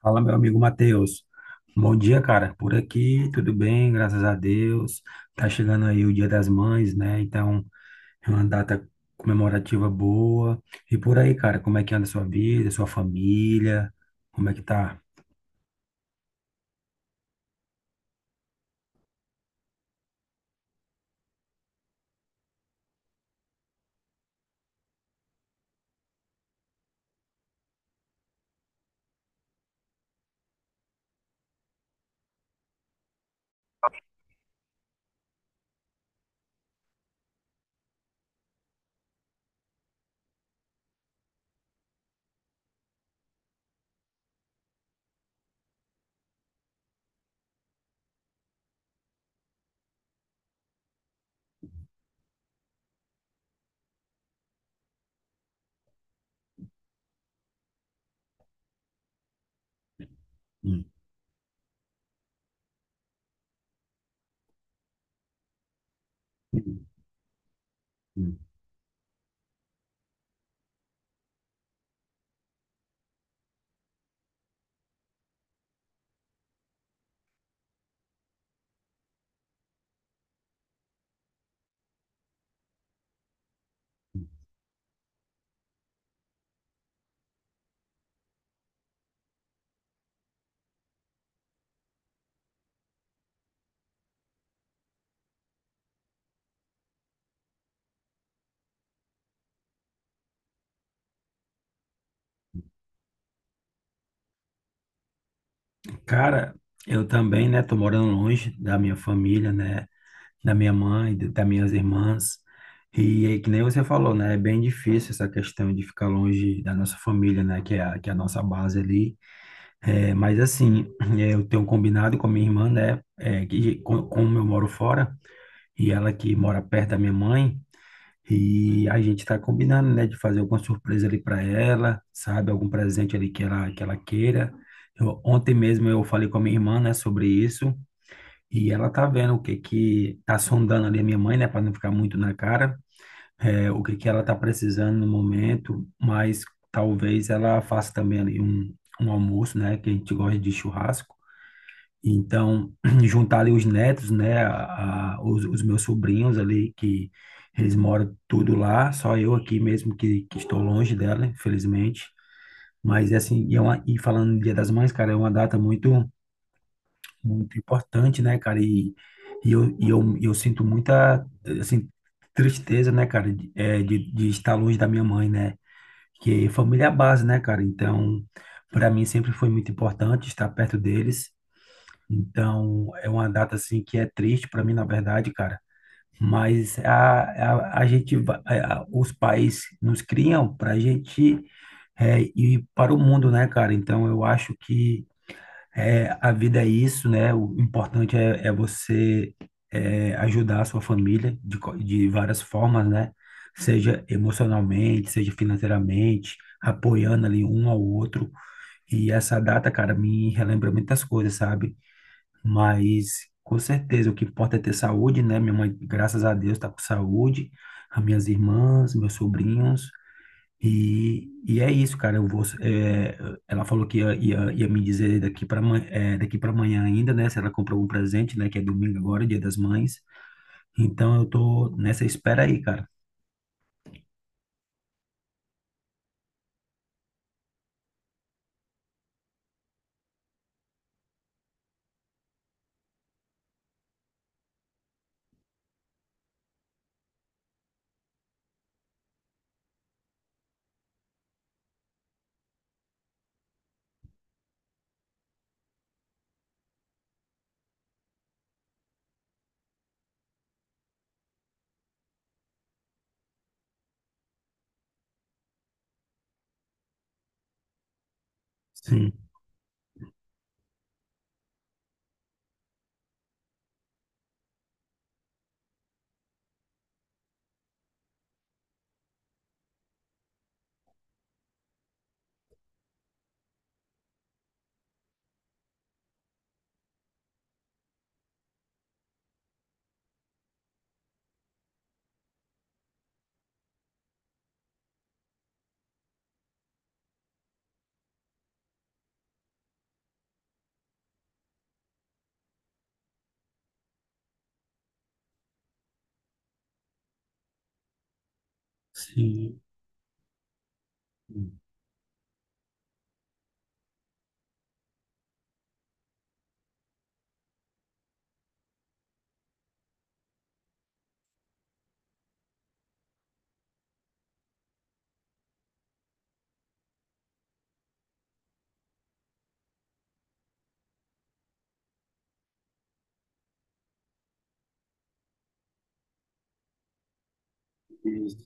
Fala, meu amigo Matheus. Bom dia, cara. Por aqui, tudo bem, graças a Deus. Tá chegando aí o Dia das Mães, né? Então, é uma data comemorativa boa. E por aí, cara, como é que anda a sua vida, sua família? Como é que tá? Hum. Hum. Cara, eu também, né? Tô morando longe da minha família, né? Da minha mãe, das minhas irmãs. E aí, que nem você falou, né? É bem difícil essa questão de ficar longe da nossa família, né? Que é a nossa base ali. É, mas assim, é, eu tenho combinado com a minha irmã, né? É, como eu moro fora e ela que mora perto da minha mãe, e a gente tá combinando, né, de fazer alguma surpresa ali para ela, sabe? Algum presente ali que ela queira. Ontem mesmo eu falei com a minha irmã, né, sobre isso, e ela tá vendo o que que tá sondando ali a minha mãe, né, para não ficar muito na cara, é, o que que ela tá precisando no momento, mas talvez ela faça também ali um almoço, né, que a gente gosta de churrasco. Então, juntar ali os netos, né, os meus sobrinhos ali, que eles moram tudo lá, só eu aqui mesmo que estou longe dela, infelizmente. Mas, assim, e falando no Dia das Mães, cara, é uma data muito importante, né, cara? E eu sinto muita, assim, tristeza, né, cara, de estar longe da minha mãe, né? Que família é a base, né, cara? Então, para mim sempre foi muito importante estar perto deles. Então, é uma data assim que é triste para mim, na verdade, cara. Mas a, a gente, os pais nos criam para a gente ir para o mundo, né, cara? Então, eu acho que a vida é isso, né? É você ajudar a sua família de várias formas, né? Seja emocionalmente, seja financeiramente, apoiando ali um ao outro. E essa data, cara, me relembra muitas coisas, sabe? Mas com certeza o que importa é ter saúde, né? Minha mãe, graças a Deus, está com saúde, as minhas irmãs, meus sobrinhos. E é isso, cara. Eu vou, é, ela falou que ia me dizer daqui para é, daqui para amanhã ainda, né? Se ela comprou algum presente, né? Que é domingo agora, Dia das Mães. Então eu tô nessa espera aí, cara. Sim, sim. Isso,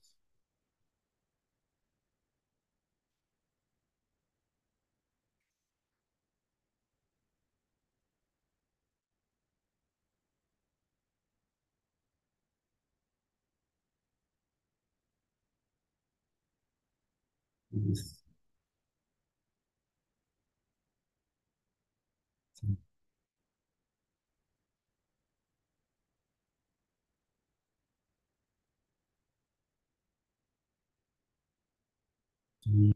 isso, sim,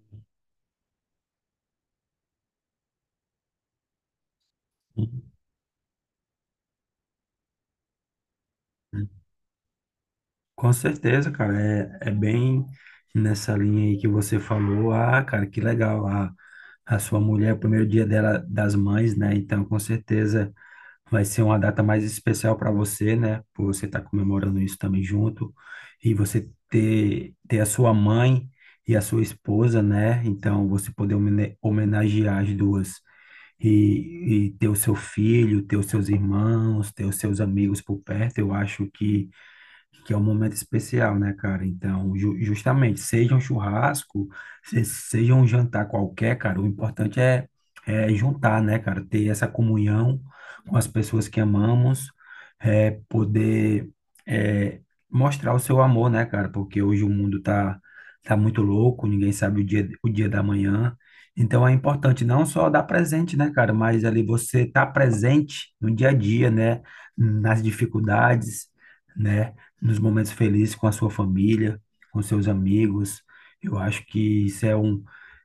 sim. Com certeza, cara, é bem nessa linha aí que você falou. Ah, cara, que legal. A a sua mulher, o primeiro dia dela das mães, né? Então, com certeza vai ser uma data mais especial para você, né? Por você estar comemorando isso também junto e você ter a sua mãe e a sua esposa, né? Então, você poder homenagear as duas e ter o seu filho, ter os seus irmãos, ter os seus amigos por perto. Eu acho que é um momento especial, né, cara? Então, justamente, seja um churrasco, seja um jantar qualquer, cara, é juntar, né, cara? Ter essa comunhão com as pessoas que amamos, é, poder é, mostrar o seu amor, né, cara? Porque hoje o mundo tá muito louco, ninguém sabe o dia da manhã. Então, é importante não só dar presente, né, cara? Mas ali você tá presente no dia a dia, né? Nas dificuldades, né? Nos momentos felizes com a sua família, com seus amigos. Eu acho que isso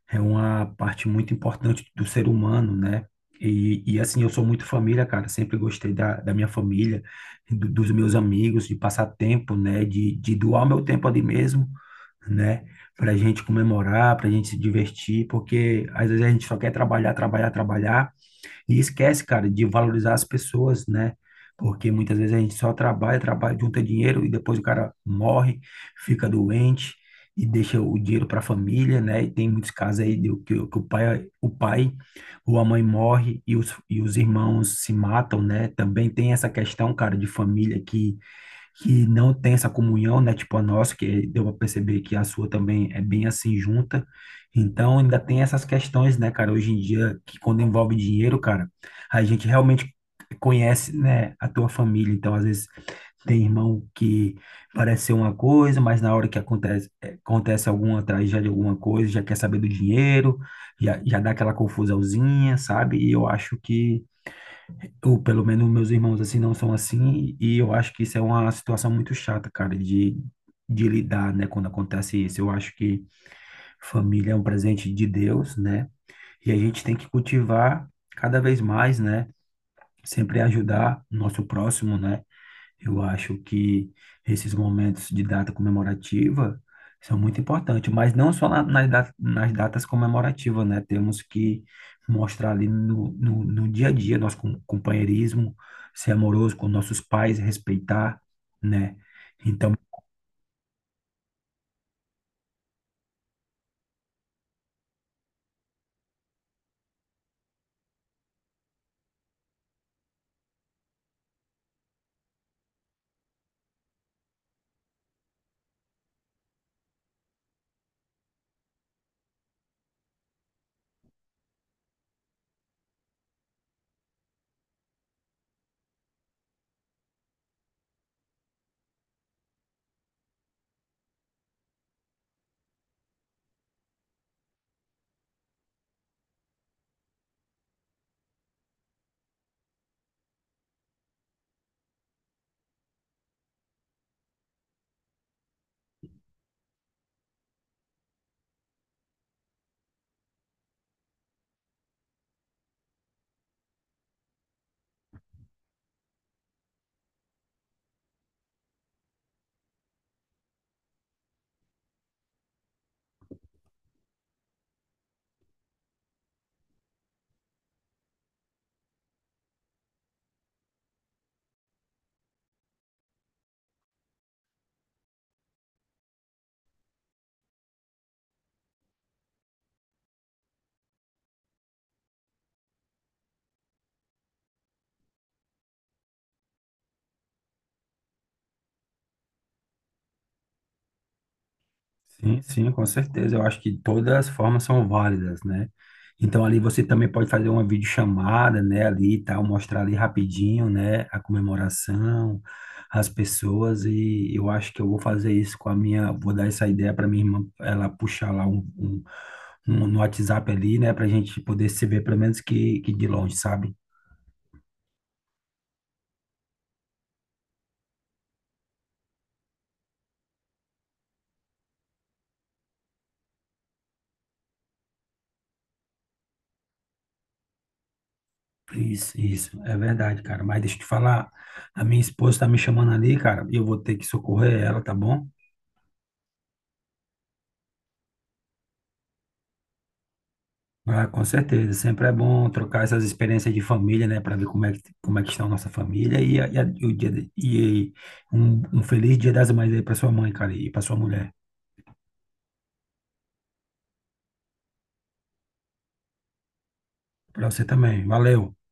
é uma parte muito importante do ser humano, né? E assim, eu sou muito família, cara. Sempre gostei da minha família, dos meus amigos, de passar tempo, né? De doar meu tempo ali mesmo, né? Pra gente comemorar, pra gente se divertir, porque às vezes a gente só quer trabalhar, trabalhar, trabalhar. E esquece, cara, de valorizar as pessoas, né? Porque muitas vezes a gente só trabalha, trabalha, junta dinheiro e depois o cara morre, fica doente e deixa o dinheiro para a família, né? E tem muitos casos aí que o pai ou a mãe morre e os irmãos se matam, né? Também tem essa questão, cara, de família que não tem essa comunhão, né? Tipo a nossa, que deu para perceber que a sua também é bem assim junta. Então ainda tem essas questões, né, cara? Hoje em dia, que quando envolve dinheiro, cara, a gente realmente conhece, né, a tua família. Então às vezes tem irmão que parece ser uma coisa, mas na hora que acontece, acontece alguma tragédia, alguma coisa, já quer saber do dinheiro, já dá aquela confusãozinha, sabe? E eu acho que ou pelo menos meus irmãos assim não são assim, e eu acho que isso é uma situação muito chata, cara, de lidar, né, quando acontece isso. Eu acho que família é um presente de Deus, né, e a gente tem que cultivar cada vez mais, né, sempre ajudar o nosso próximo, né, eu acho que esses momentos de data comemorativa são muito importantes, mas não só nas datas comemorativas, né? Temos que mostrar ali no dia a dia nosso companheirismo, ser amoroso com nossos pais, respeitar, né? Então, sim, sim, com certeza. Eu acho que todas as formas são válidas, né? Então ali você também pode fazer uma videochamada, né, ali e tal, mostrar ali rapidinho, né, a comemoração, as pessoas e eu acho que eu vou fazer isso com a minha, vou dar essa ideia para minha irmã, ela puxar lá um no WhatsApp ali, né, pra gente poder se ver pelo menos que de longe, sabe? Isso, é verdade, cara. Mas deixa eu te falar, a minha esposa tá me chamando ali, cara, e eu vou ter que socorrer ela, tá bom? Ah, com certeza, sempre é bom trocar essas experiências de família, né, para ver como é que está a nossa família e um feliz Dia das Mães aí para sua mãe, cara, e para sua mulher, para você também. Valeu.